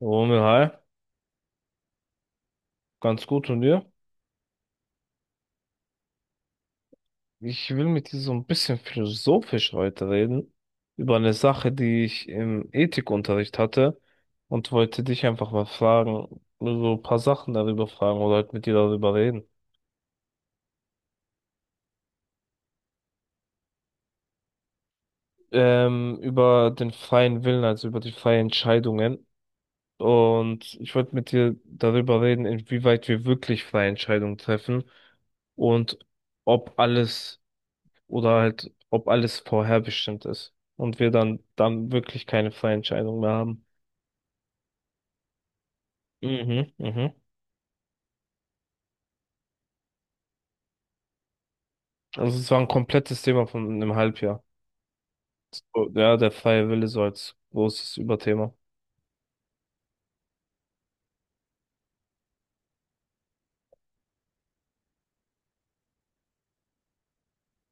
Romeo, hi, ganz gut und dir? Ich will mit dir so ein bisschen philosophisch heute reden, über eine Sache, die ich im Ethikunterricht hatte und wollte dich einfach mal fragen, so ein paar Sachen darüber fragen oder halt mit dir darüber reden. Über den freien Willen, also über die freien Entscheidungen. Und ich wollte mit dir darüber reden, inwieweit wir wirklich freie Entscheidungen treffen und ob alles oder halt, ob alles vorherbestimmt ist und wir dann wirklich keine freie Entscheidung mehr haben. Mhm, mhm. Also es war ein komplettes Thema von einem Halbjahr. So, ja, der freie Wille so als großes Überthema.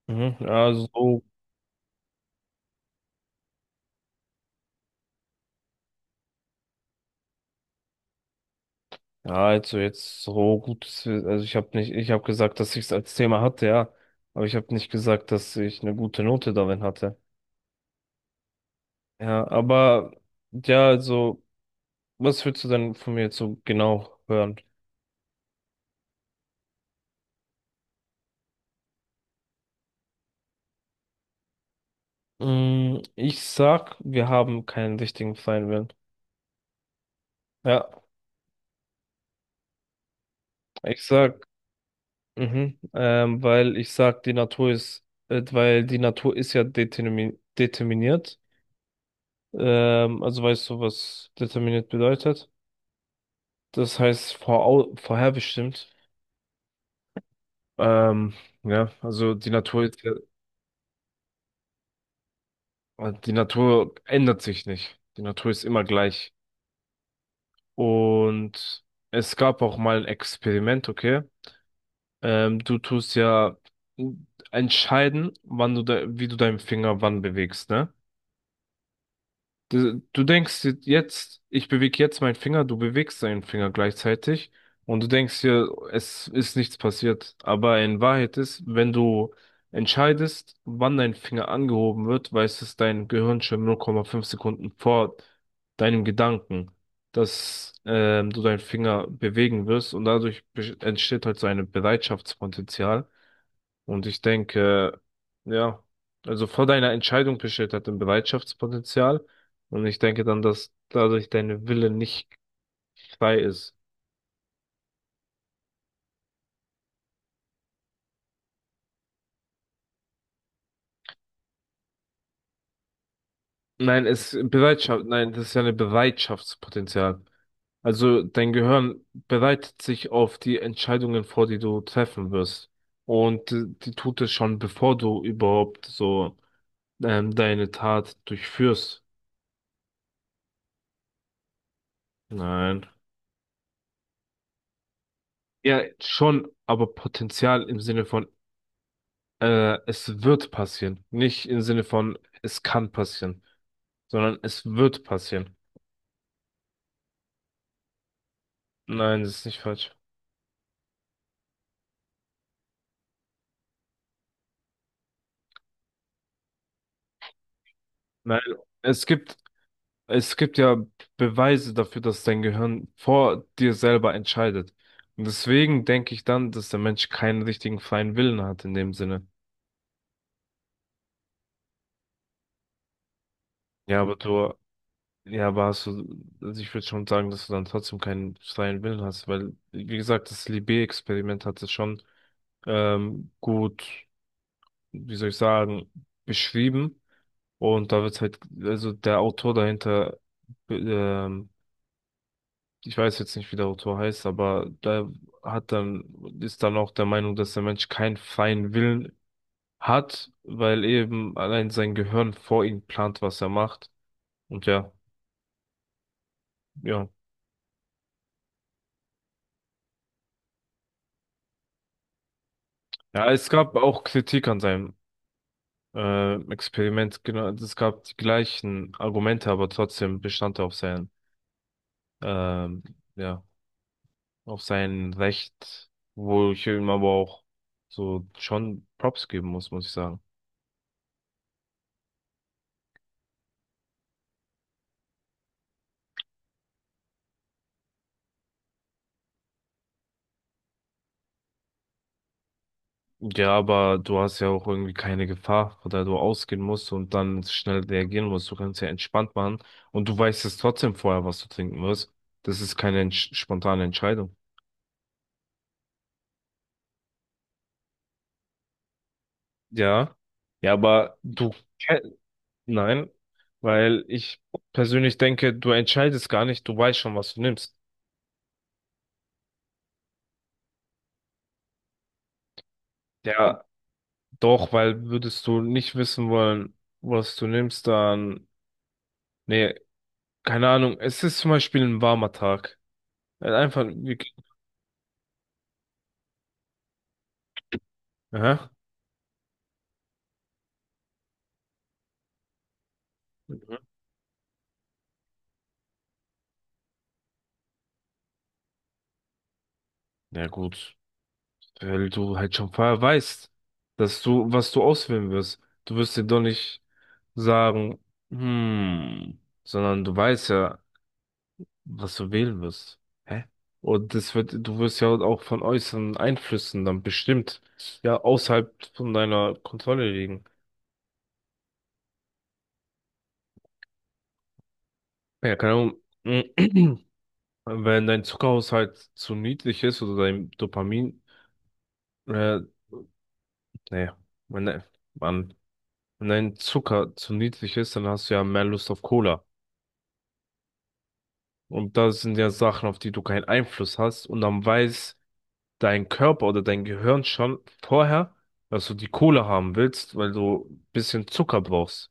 Mhm, ja, also so, ja, also jetzt so gutes, also ich habe nicht, ich habe gesagt, dass ich es als Thema hatte, ja, aber ich habe nicht gesagt, dass ich eine gute Note darin hatte. Ja, aber ja, also, was willst du denn von mir jetzt so genau hören? Ich sag, wir haben keinen richtigen freien Willen. Ja, ich sag, mhm, weil ich sag, die Natur ist, weil die Natur ist ja determiniert. Also weißt du, was determiniert bedeutet? Das heißt vorau vorherbestimmt. Ähm, ja, also die Natur ändert sich nicht. Die Natur ist immer gleich. Und es gab auch mal ein Experiment, okay? Du tust ja entscheiden, wann du de wie du deinen Finger wann bewegst, ne? Du denkst dir jetzt, ich bewege jetzt meinen Finger, du bewegst deinen Finger gleichzeitig und du denkst dir, es ist nichts passiert. Aber in Wahrheit ist, wenn du entscheidest, wann dein Finger angehoben wird, weiß es dein Gehirn schon 0,5 Sekunden vor deinem Gedanken, dass du deinen Finger bewegen wirst, und dadurch entsteht halt so ein Bereitschaftspotenzial. Und ich denke, ja, also vor deiner Entscheidung besteht halt ein Bereitschaftspotenzial. Und ich denke dann, dass dadurch dein Wille nicht frei ist. Nein, das ist ja ein Bereitschaftspotenzial. Also dein Gehirn bereitet sich auf die Entscheidungen vor, die du treffen wirst. Und die tut es schon, bevor du überhaupt deine Tat durchführst. Nein. Ja, schon, aber Potenzial im Sinne von es wird passieren. Nicht im Sinne von, es kann passieren, sondern es wird passieren. Nein, das ist nicht falsch. Nein, es gibt, es gibt ja Beweise dafür, dass dein Gehirn vor dir selber entscheidet. Und deswegen denke ich dann, dass der Mensch keinen richtigen freien Willen hat in dem Sinne. Ja, aber du, ja, aber hast du, also ich würde schon sagen, dass du dann trotzdem keinen freien Willen hast, weil, wie gesagt, das Libé-Experiment hat es schon gut, wie soll ich sagen, beschrieben. Und da wird halt, also der Autor dahinter, ähm, ich weiß jetzt nicht, wie der Autor heißt, aber da hat dann, ist dann auch der Meinung, dass der Mensch keinen freien Willen hat, weil eben allein sein Gehirn vor ihm plant, was er macht. Und ja, ja. Ja, es gab auch Kritik an seinem Experiment, genau, es gab die gleichen Argumente, aber trotzdem bestand er auf seinen, ähm, ja, auf sein Recht, wo ich ihm aber auch so schon Props geben muss, muss ich sagen. Ja, aber du hast ja auch irgendwie keine Gefahr, von der du ausgehen musst und dann schnell reagieren musst. Du kannst ja entspannt machen und du weißt es trotzdem vorher, was du trinken wirst. Das ist keine spontane Entscheidung. Ja, ja, aber du, ke- nein, weil ich persönlich denke, du entscheidest gar nicht, du weißt schon, was du nimmst. Ja, doch, weil würdest du nicht wissen wollen, was du nimmst, dann. Nee, keine Ahnung. Es ist zum Beispiel ein warmer Tag. Halt einfach wirklich. Aha. Mhm. Ja, gut. Weil du halt schon vorher weißt, dass was du auswählen wirst. Du wirst dir doch nicht sagen, hm, sondern du weißt ja, was du wählen wirst. Hä? Und du wirst ja auch von äußeren Einflüssen dann bestimmt, ja, außerhalb von deiner Kontrolle liegen. Ja, keine Ahnung. Wenn dein Zuckerhaushalt zu niedrig ist oder dein Dopamin, äh, nee, wenn, de- Mann, wenn dein Zucker zu niedrig ist, dann hast du ja mehr Lust auf Cola. Und das sind ja Sachen, auf die du keinen Einfluss hast. Und dann weiß dein Körper oder dein Gehirn schon vorher, dass du die Cola haben willst, weil du ein bisschen Zucker brauchst.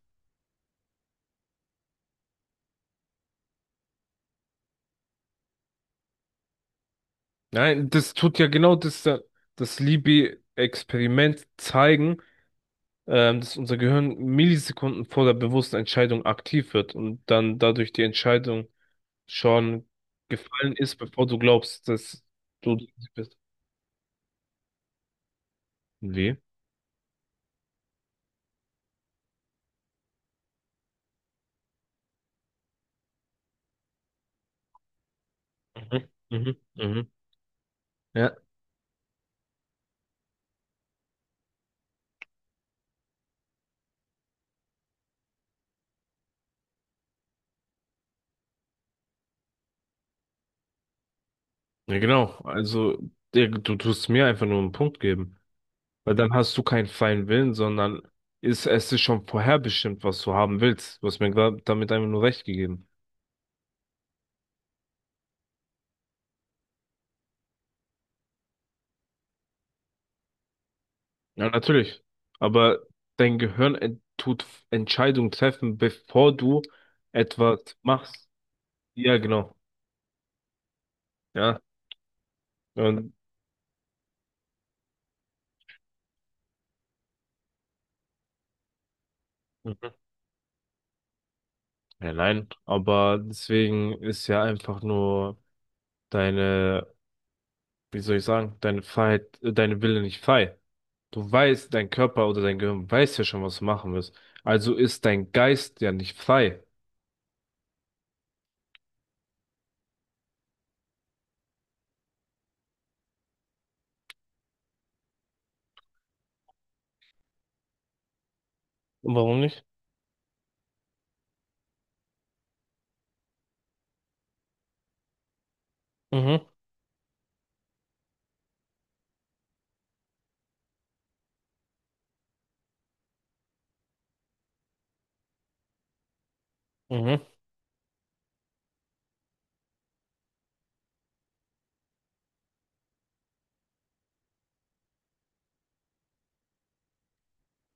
Nein, das tut ja genau das, das Liebig-Experiment zeigen dass unser Gehirn Millisekunden vor der bewussten Entscheidung aktiv wird und dann dadurch die Entscheidung schon gefallen ist, bevor du glaubst, dass du die bist. Wie? Mhm, mhm, mhm. Ja. Ja, genau. Also, du tust mir einfach nur einen Punkt geben, weil dann hast du keinen freien Willen, sondern es ist schon vorherbestimmt, was du haben willst. Du hast mir grad damit einfach nur recht gegeben. Ja, natürlich. Aber dein Gehirn Entscheidungen treffen, bevor du etwas machst. Ja, genau. Ja. Und, mhm, ja, nein. Aber deswegen ist ja einfach nur deine, wie soll ich sagen, deine Freiheit, deine Wille nicht frei. Du weißt, dein Körper oder dein Gehirn weiß ja schon, was du machen willst. Also ist dein Geist ja nicht frei. Warum nicht? Mhm, mhm.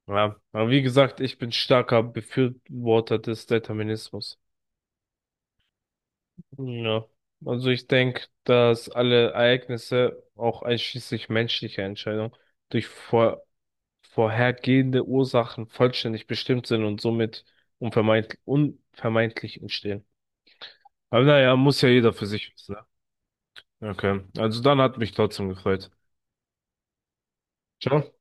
Ja, aber wie gesagt, ich bin starker Befürworter des Determinismus. Ja, also ich denke, dass alle Ereignisse, auch einschließlich menschlicher Entscheidungen, durch vorhergehende Ursachen vollständig bestimmt sind und somit unvermeidlich entstehen. Aber naja, muss ja jeder für sich wissen, ne? Okay, also dann hat mich trotzdem gefreut. Ciao.